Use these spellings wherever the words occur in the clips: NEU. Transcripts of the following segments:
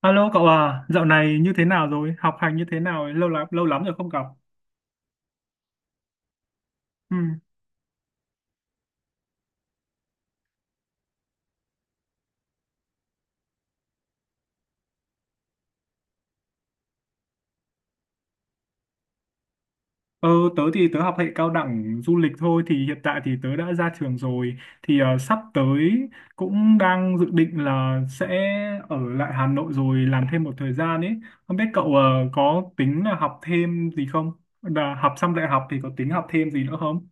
Alo cậu à, dạo này như thế nào rồi? Học hành như thế nào ấy? Lâu lắm rồi không gặp. Ừ. Ờ, Tớ thì học hệ cao đẳng du lịch thôi thì hiện tại thì tớ đã ra trường rồi, thì sắp tới cũng đang dự định là sẽ ở lại Hà Nội rồi làm thêm một thời gian ấy. Không biết cậu có tính là học thêm gì không? Là học xong đại học thì có tính học thêm gì nữa không?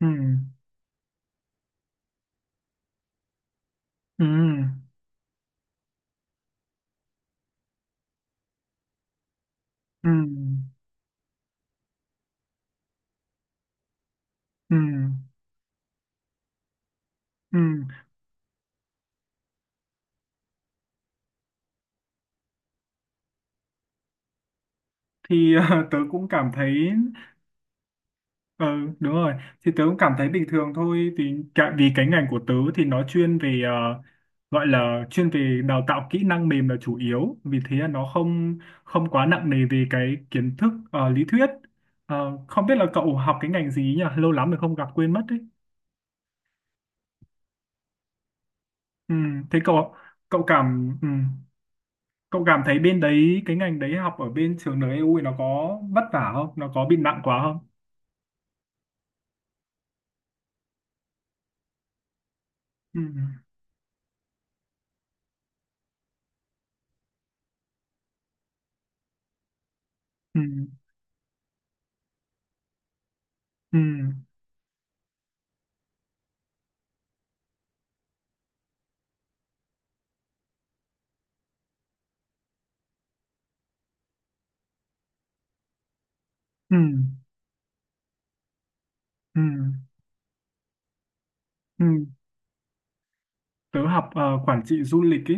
Ừ. Ừ. Ừ. Ừ. Ừ. Thì tớ cũng cảm thấy. Ừ, đúng rồi. Thì tớ cũng cảm thấy bình thường thôi. Thì cả, vì cái ngành của tớ thì nó chuyên về gọi là chuyên về đào tạo kỹ năng mềm là chủ yếu. Vì thế là nó không không quá nặng nề về cái kiến thức lý thuyết. Ờ, không biết là cậu học cái ngành gì nhỉ? Lâu lắm rồi không gặp quên mất đấy. Ừ, thế cậu cậu cảm ừ, cậu cảm thấy bên đấy cái ngành đấy học ở bên trường NEU nó có vất vả không? Nó có bị nặng quá không? Ừ, ừ, ừ, ừ, ừ. Ừ. Ừ. Tớ học quản trị du lịch ý.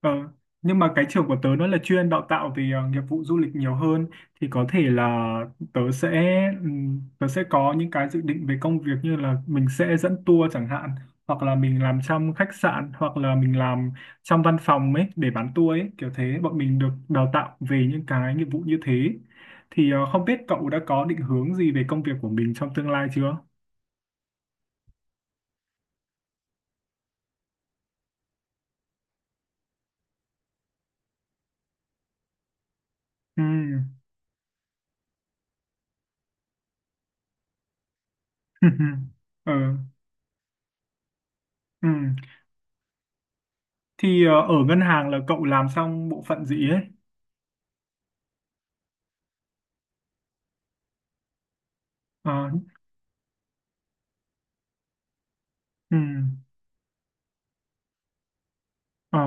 Ờ, nhưng mà cái trường của tớ nó là chuyên đào tạo về nghiệp vụ du lịch nhiều hơn, thì có thể là tớ sẽ tớ sẽ có những cái dự định về công việc như là mình sẽ dẫn tour chẳng hạn, hoặc là mình làm trong khách sạn, hoặc là mình làm trong văn phòng ấy để bán tour ấy, kiểu thế. Bọn mình được đào tạo về những cái nghiệp vụ như thế thì không biết cậu đã có định hướng gì về công việc của mình trong tương lai chưa? Ừ. Ừ. Ừ. Thì ờ, ở ngân hàng là cậu làm xong bộ phận gì ấy? Ờ, ừ, ờ.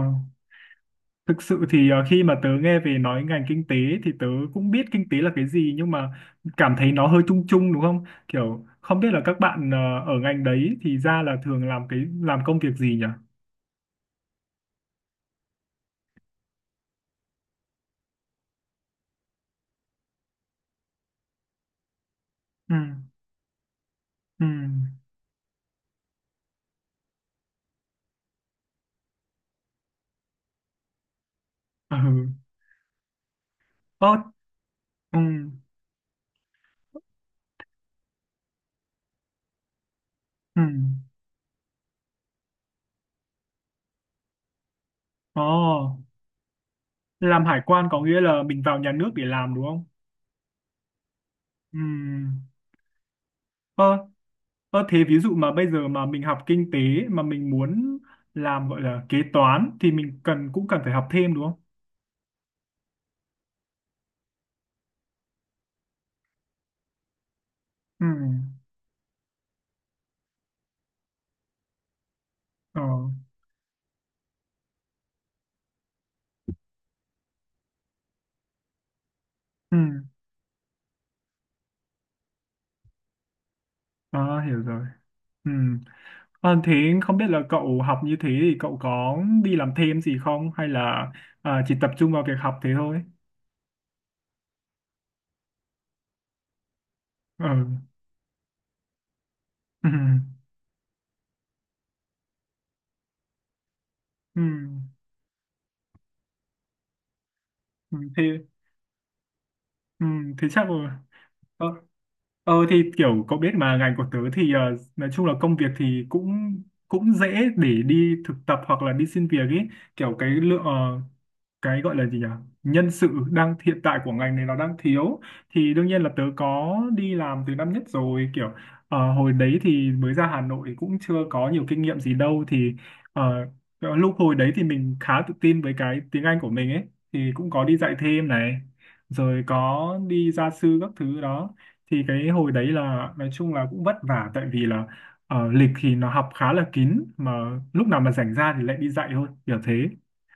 Thực sự thì khi mà tớ nghe về nói ngành kinh tế thì tớ cũng biết kinh tế là cái gì, nhưng mà cảm thấy nó hơi chung chung đúng không? Kiểu không biết là các bạn ở ngành đấy thì ra là thường làm cái làm công việc gì nhỉ? Ừ, ừ, ừ, Ơ, ừ, ừ. Ồ, làm hải quan có nghĩa là mình vào nhà nước để làm đúng không? Ừ. Ờ, ờ thế ví dụ mà bây giờ mà mình học kinh tế mà mình muốn làm gọi là kế toán thì mình cần cũng cần phải học thêm đúng không? Ừ. Ờ. Ừ. À, hiểu rồi. Ừ. Ờ, thế không biết là cậu học như thế thì cậu có đi làm thêm gì không hay là chỉ tập trung vào việc học thế thôi? Ừ. Ừ. Ừ. Ừ. Thế, ừ. Thế chắc rồi. Ờ, Ờ thì kiểu cậu biết mà ngành của tớ thì nói chung là công việc thì cũng cũng dễ để đi thực tập hoặc là đi xin việc ý, kiểu cái lượng cái gọi là gì nhỉ, nhân sự đang hiện tại của ngành này nó đang thiếu, thì đương nhiên là tớ có đi làm từ năm nhất rồi, kiểu hồi đấy thì mới ra Hà Nội cũng chưa có nhiều kinh nghiệm gì đâu, thì ờ, lúc hồi đấy thì mình khá tự tin với cái tiếng Anh của mình ấy, thì cũng có đi dạy thêm này, rồi có đi gia sư các thứ đó, thì cái hồi đấy là nói chung là cũng vất vả tại vì là lịch thì nó học khá là kín, mà lúc nào mà rảnh ra thì lại đi dạy thôi kiểu thế.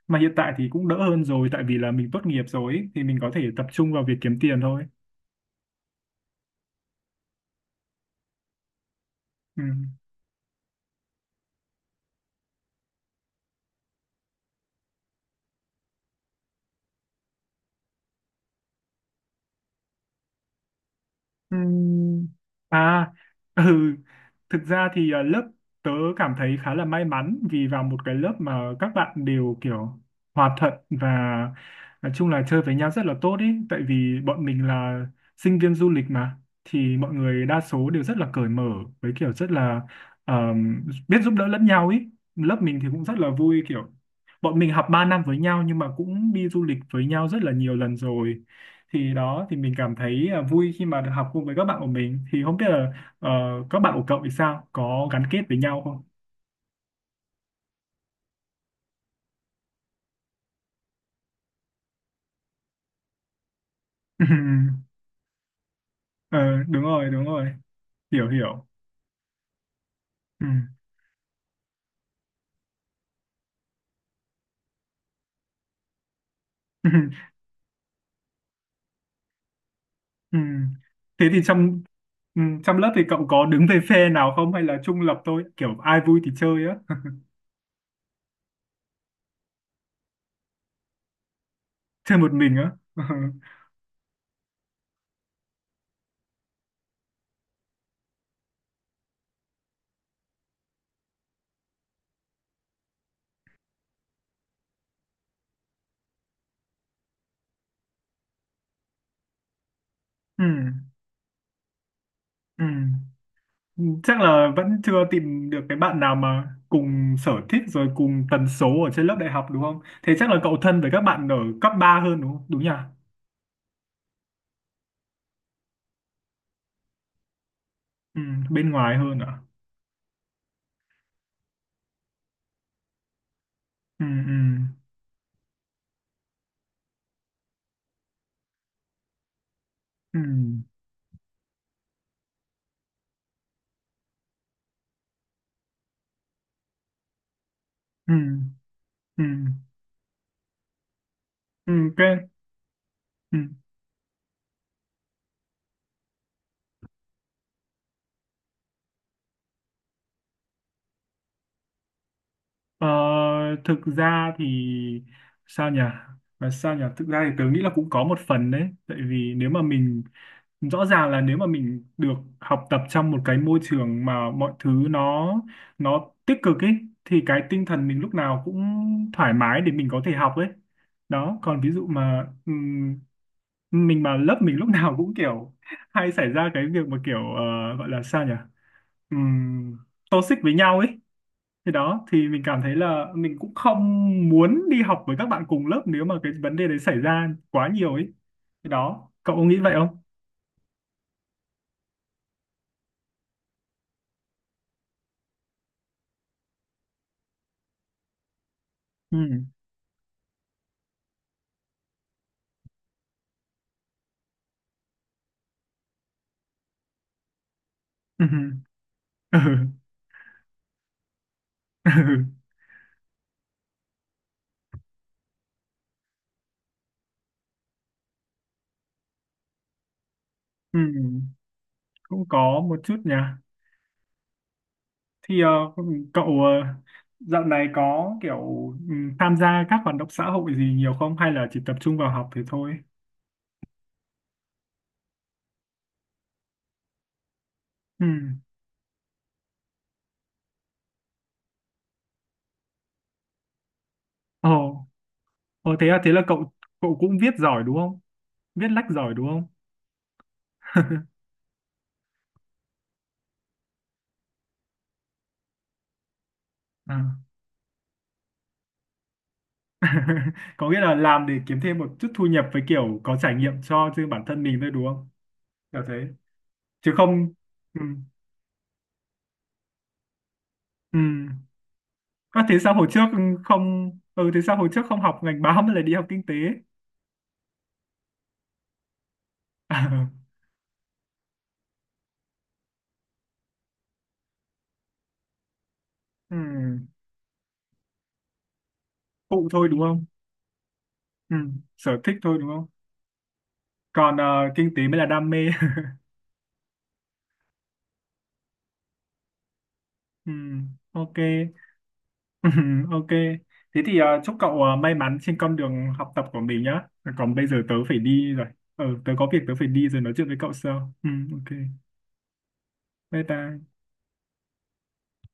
Mà hiện tại thì cũng đỡ hơn rồi tại vì là mình tốt nghiệp rồi ấy, thì mình có thể tập trung vào việc kiếm tiền thôi. Ừ. Ừm, à, ừ, thực ra thì lớp tớ cảm thấy khá là may mắn vì vào một cái lớp mà các bạn đều kiểu hòa thuận và nói chung là chơi với nhau rất là tốt ý. Tại vì bọn mình là sinh viên du lịch mà, thì mọi người đa số đều rất là cởi mở với kiểu rất là ờm, biết giúp đỡ lẫn nhau ý. Lớp mình thì cũng rất là vui, kiểu bọn mình học 3 năm với nhau nhưng mà cũng đi du lịch với nhau rất là nhiều lần rồi, thì đó thì mình cảm thấy vui khi mà được học cùng với các bạn của mình. Thì không biết là ờ, các bạn của cậu thì sao, có gắn kết với nhau không? Ừ, ờ, đúng rồi đúng rồi, hiểu hiểu, ừ. Ừ. Ừ. Thế thì trong ừ, trong lớp thì cậu có đứng về phe nào không hay là trung lập thôi, kiểu ai vui thì chơi á? Chơi một mình á? Ừ. Ừ. Ừ, chắc là vẫn chưa tìm được cái bạn nào mà cùng sở thích rồi cùng tần số ở trên lớp đại học đúng không? Thế chắc là cậu thân với các bạn ở cấp ba hơn đúng không? Đúng nhỉ? Ừ, bên ngoài hơn à? Ừ, ừ, ừ, ừ, ừ, ừ, ừ, ok. Ừ. Ờ, thực ra thì sao nhỉ? Và sao nhỉ? Thực ra thì tớ nghĩ là cũng có một phần đấy. Tại vì nếu mà mình rõ ràng là nếu mà mình được học tập trong một cái môi trường mà mọi thứ nó tích cực ấy, thì cái tinh thần mình lúc nào cũng thoải mái để mình có thể học ấy. Đó, còn ví dụ mà mình mà lớp mình lúc nào cũng kiểu hay xảy ra cái việc mà kiểu gọi là sao nhỉ? Ừm, Toxic với nhau ấy, thì đó thì mình cảm thấy là mình cũng không muốn đi học với các bạn cùng lớp nếu mà cái vấn đề đấy xảy ra quá nhiều ấy. Thì đó, cậu có nghĩ vậy không? Ừ. Ừ. Ừ. Ừ. Ừ. Cũng có một chút nha. Thì ờ, cậu dạo này có kiểu ừ, tham gia các hoạt động xã hội gì nhiều không hay là chỉ tập trung vào học thì thôi? Ừ. Ồ, ồ thế à, thế là cậu cậu cũng viết giỏi đúng không? Viết lách giỏi đúng không? À. Có nghĩa là làm để kiếm thêm một chút thu nhập với kiểu có trải nghiệm cho riêng bản thân mình thôi đúng không, kiểu thế, chứ không ừ. Ừ. À, thế sao hồi trước không ừ thế sao hồi trước không học ngành báo mà lại đi học kinh tế? Ừ. Phụ thôi đúng không? Ừ. Sở thích thôi đúng không, còn kinh tế mới là đam mê? Ừ. Ok. Ừ. Ok, thế thì chúc cậu may mắn trên con đường học tập của mình nhá, còn bây giờ tớ phải đi rồi. Ừ tớ có việc tớ phải đi rồi, nói chuyện với cậu sau, ừ ok. Bye bye.